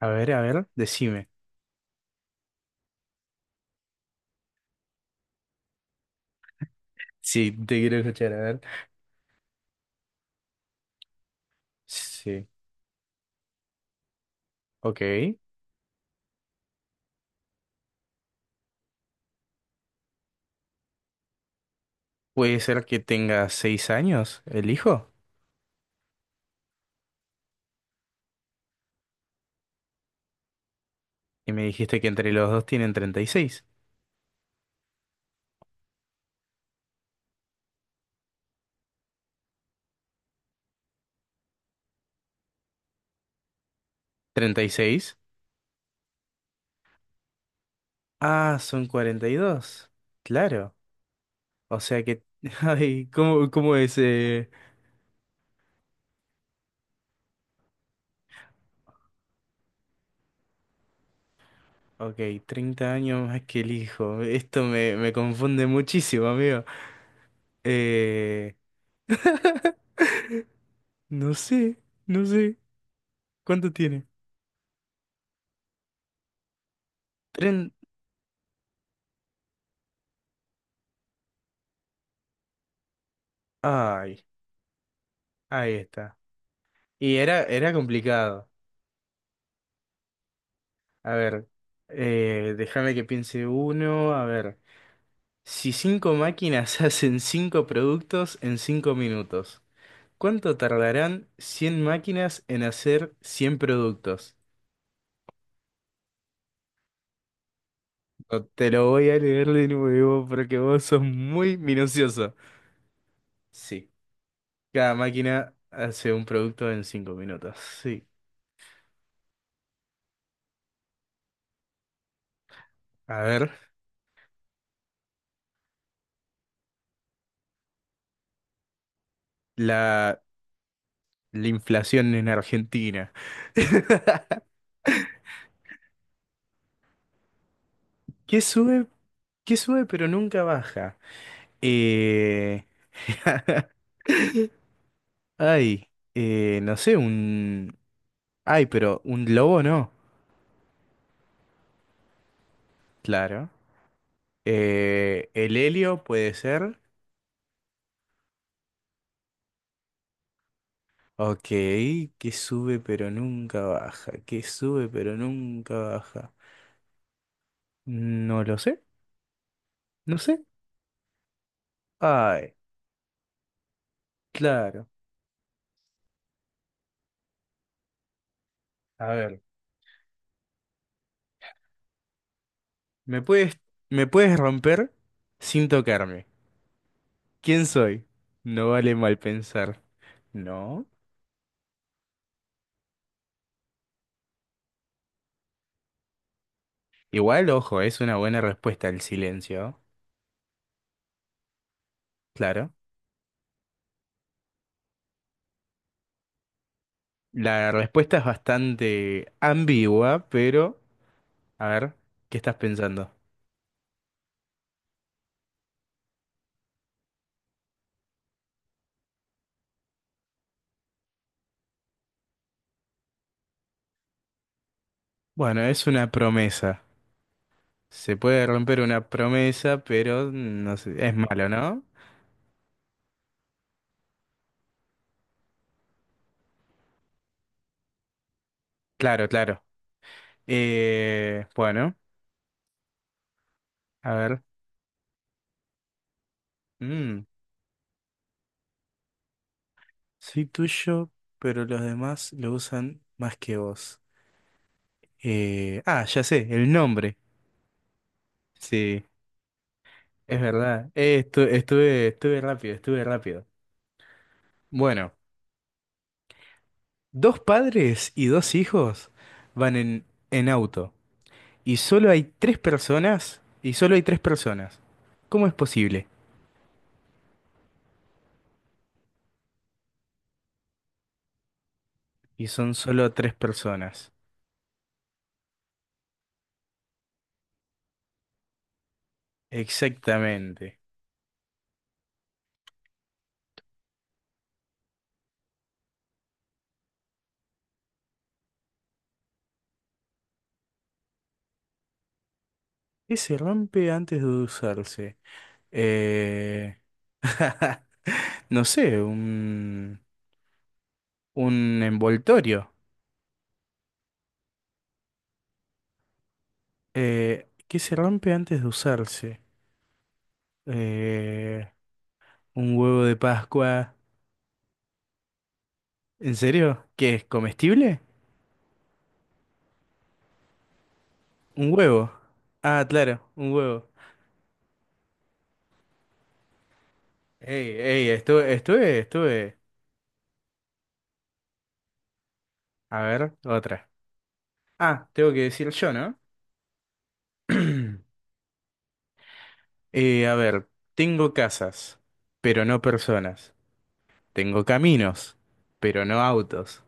A ver, decime. Sí, te quiero escuchar, a ver. Sí, ok. Puede ser que tenga seis años el hijo. Y me dijiste que entre los dos tienen treinta y seis, ¿treinta y seis? Ah, son cuarenta y dos. Claro. O sea que... Ay, ¿cómo es, Ok, 30 años más que el hijo. Esto me confunde muchísimo, amigo. Eh, no sé, no sé. ¿Cuánto tiene? Tren... Ay, ahí está. Y era complicado. A ver, déjame que piense uno. A ver, si cinco máquinas hacen cinco productos en cinco minutos, ¿cuánto tardarán 100 máquinas en hacer 100 productos? No te lo voy a leer de nuevo porque vos sos muy minucioso. Sí, cada máquina hace un producto en cinco minutos. Sí. A ver, la, la inflación en Argentina. ¿Qué sube? ¿Qué sube pero nunca baja? Eh, ay, no sé, un... Ay, pero un lobo no, claro. El helio puede ser. Ok, que sube pero nunca baja. No lo sé, no sé. Ay, claro. A ver, me puedes, me puedes romper sin tocarme. ¿Quién soy? No vale mal pensar. No. Igual, ojo, es una buena respuesta el silencio, claro. La respuesta es bastante ambigua, pero a ver, ¿qué estás pensando? Bueno, es una promesa. Se puede romper una promesa, pero no sé, es malo, ¿no? Claro, claro. Bueno, a ver. Mm, soy tuyo, pero los demás lo usan más que vos. Ya sé, el nombre. Sí, es verdad. Estuve, estuve rápido. Bueno. Dos padres y dos hijos van en auto y solo hay tres personas. ¿Cómo es posible? Y son solo tres personas. Exactamente. ¿Qué se rompe antes de usarse? Eh... No sé, un envoltorio. ¿Qué se rompe antes de usarse? Eh, un huevo de Pascua. ¿En serio? ¿Qué es comestible? Un huevo. Ah, claro, un huevo. Ey, ey, estuve. A ver, otra. Ah, tengo que decir yo, ¿no? A ver, tengo casas, pero no personas. Tengo caminos, pero no autos.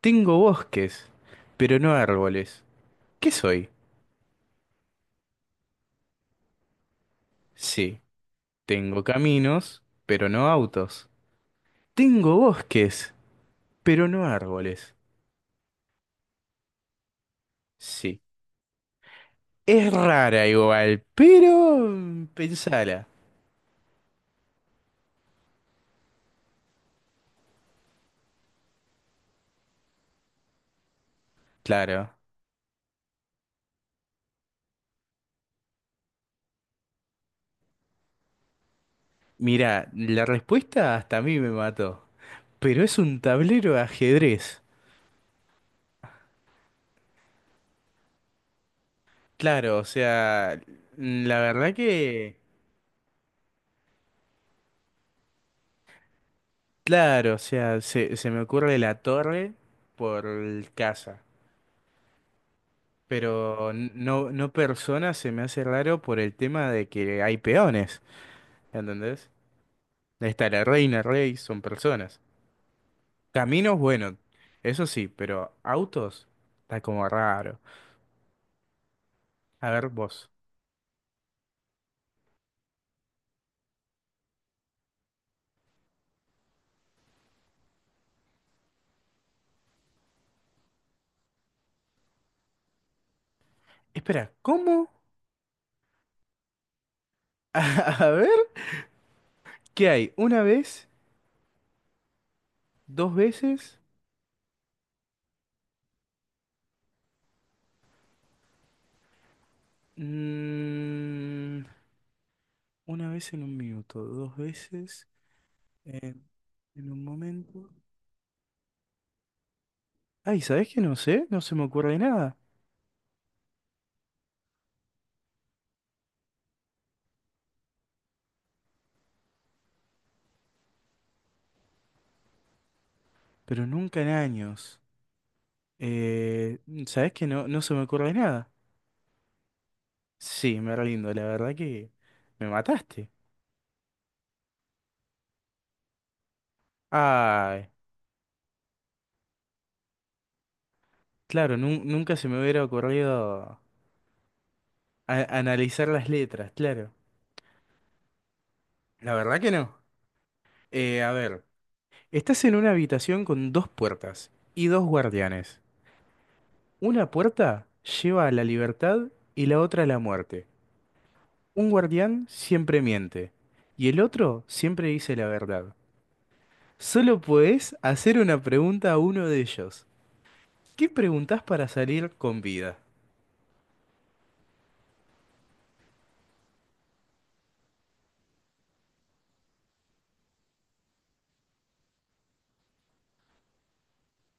Tengo bosques, pero no árboles. ¿Qué soy? Sí, tengo caminos, pero no autos. Tengo bosques, pero no árboles. Sí. Es rara igual, pero mm, pensala. Claro. Mira, la respuesta hasta a mí me mató. Pero es un tablero de ajedrez. Claro, o sea, la verdad que... Claro, o sea, se me ocurre la torre por casa. Pero no, no persona se me hace raro por el tema de que hay peones. ¿Entendés? Ahí está la reina, rey, son personas. Caminos, bueno, eso sí, pero autos está como raro. A ver, vos. Espera, ¿cómo? A ver, ¿qué hay? ¿Una vez? ¿Dos veces? Mm, una vez en un minuto, dos veces eh, en un momento. Ay, ¿sabes qué? No sé, no se me ocurre nada. Pero nunca en años. Eh, ¿Sabés qué? No, no se me ocurre nada. Sí, me rindo, la verdad que me mataste. Ay, claro, nunca se me hubiera ocurrido analizar las letras, claro. La verdad que no. A ver. Estás en una habitación con dos puertas y dos guardianes. Una puerta lleva a la libertad y la otra a la muerte. Un guardián siempre miente y el otro siempre dice la verdad. Solo podés hacer una pregunta a uno de ellos. ¿Qué preguntás para salir con vida?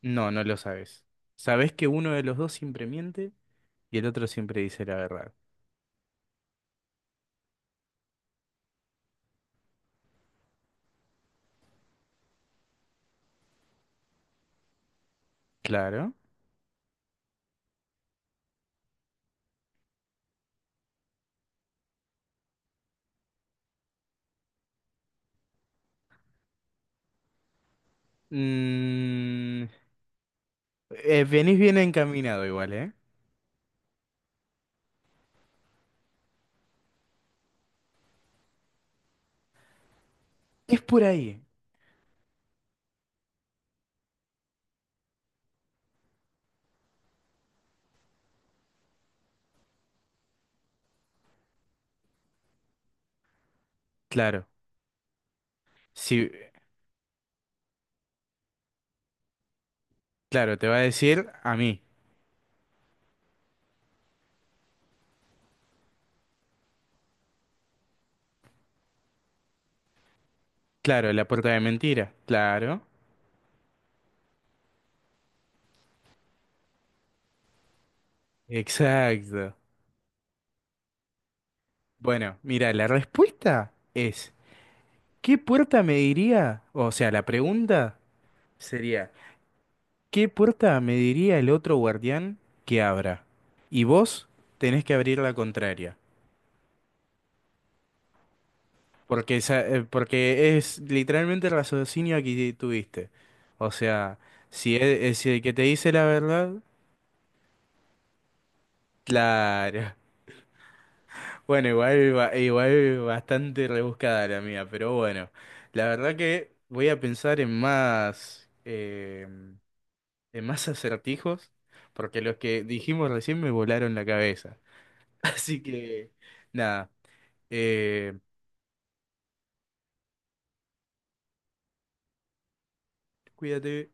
No, no lo sabes. Sabés que uno de los dos siempre miente y el otro siempre dice la verdad. Claro. Mm, venís bien encaminado igual, ¿eh? Es por ahí. Claro. Sí, claro, te va a decir a mí. Claro, la puerta de mentira. Claro. Exacto. Bueno, mira, la respuesta es, ¿qué puerta me diría? O sea, la pregunta sería, ¿qué puerta me diría el otro guardián que abra? Y vos tenés que abrir la contraria. Porque, porque es literalmente el raciocinio que tuviste. O sea, si es, es el que te dice la verdad, claro. Bueno, igual, igual bastante rebuscada la mía, pero bueno, la verdad que voy a pensar en más acertijos, porque los que dijimos recién me volaron la cabeza. Así que, nada, eh, cuídate.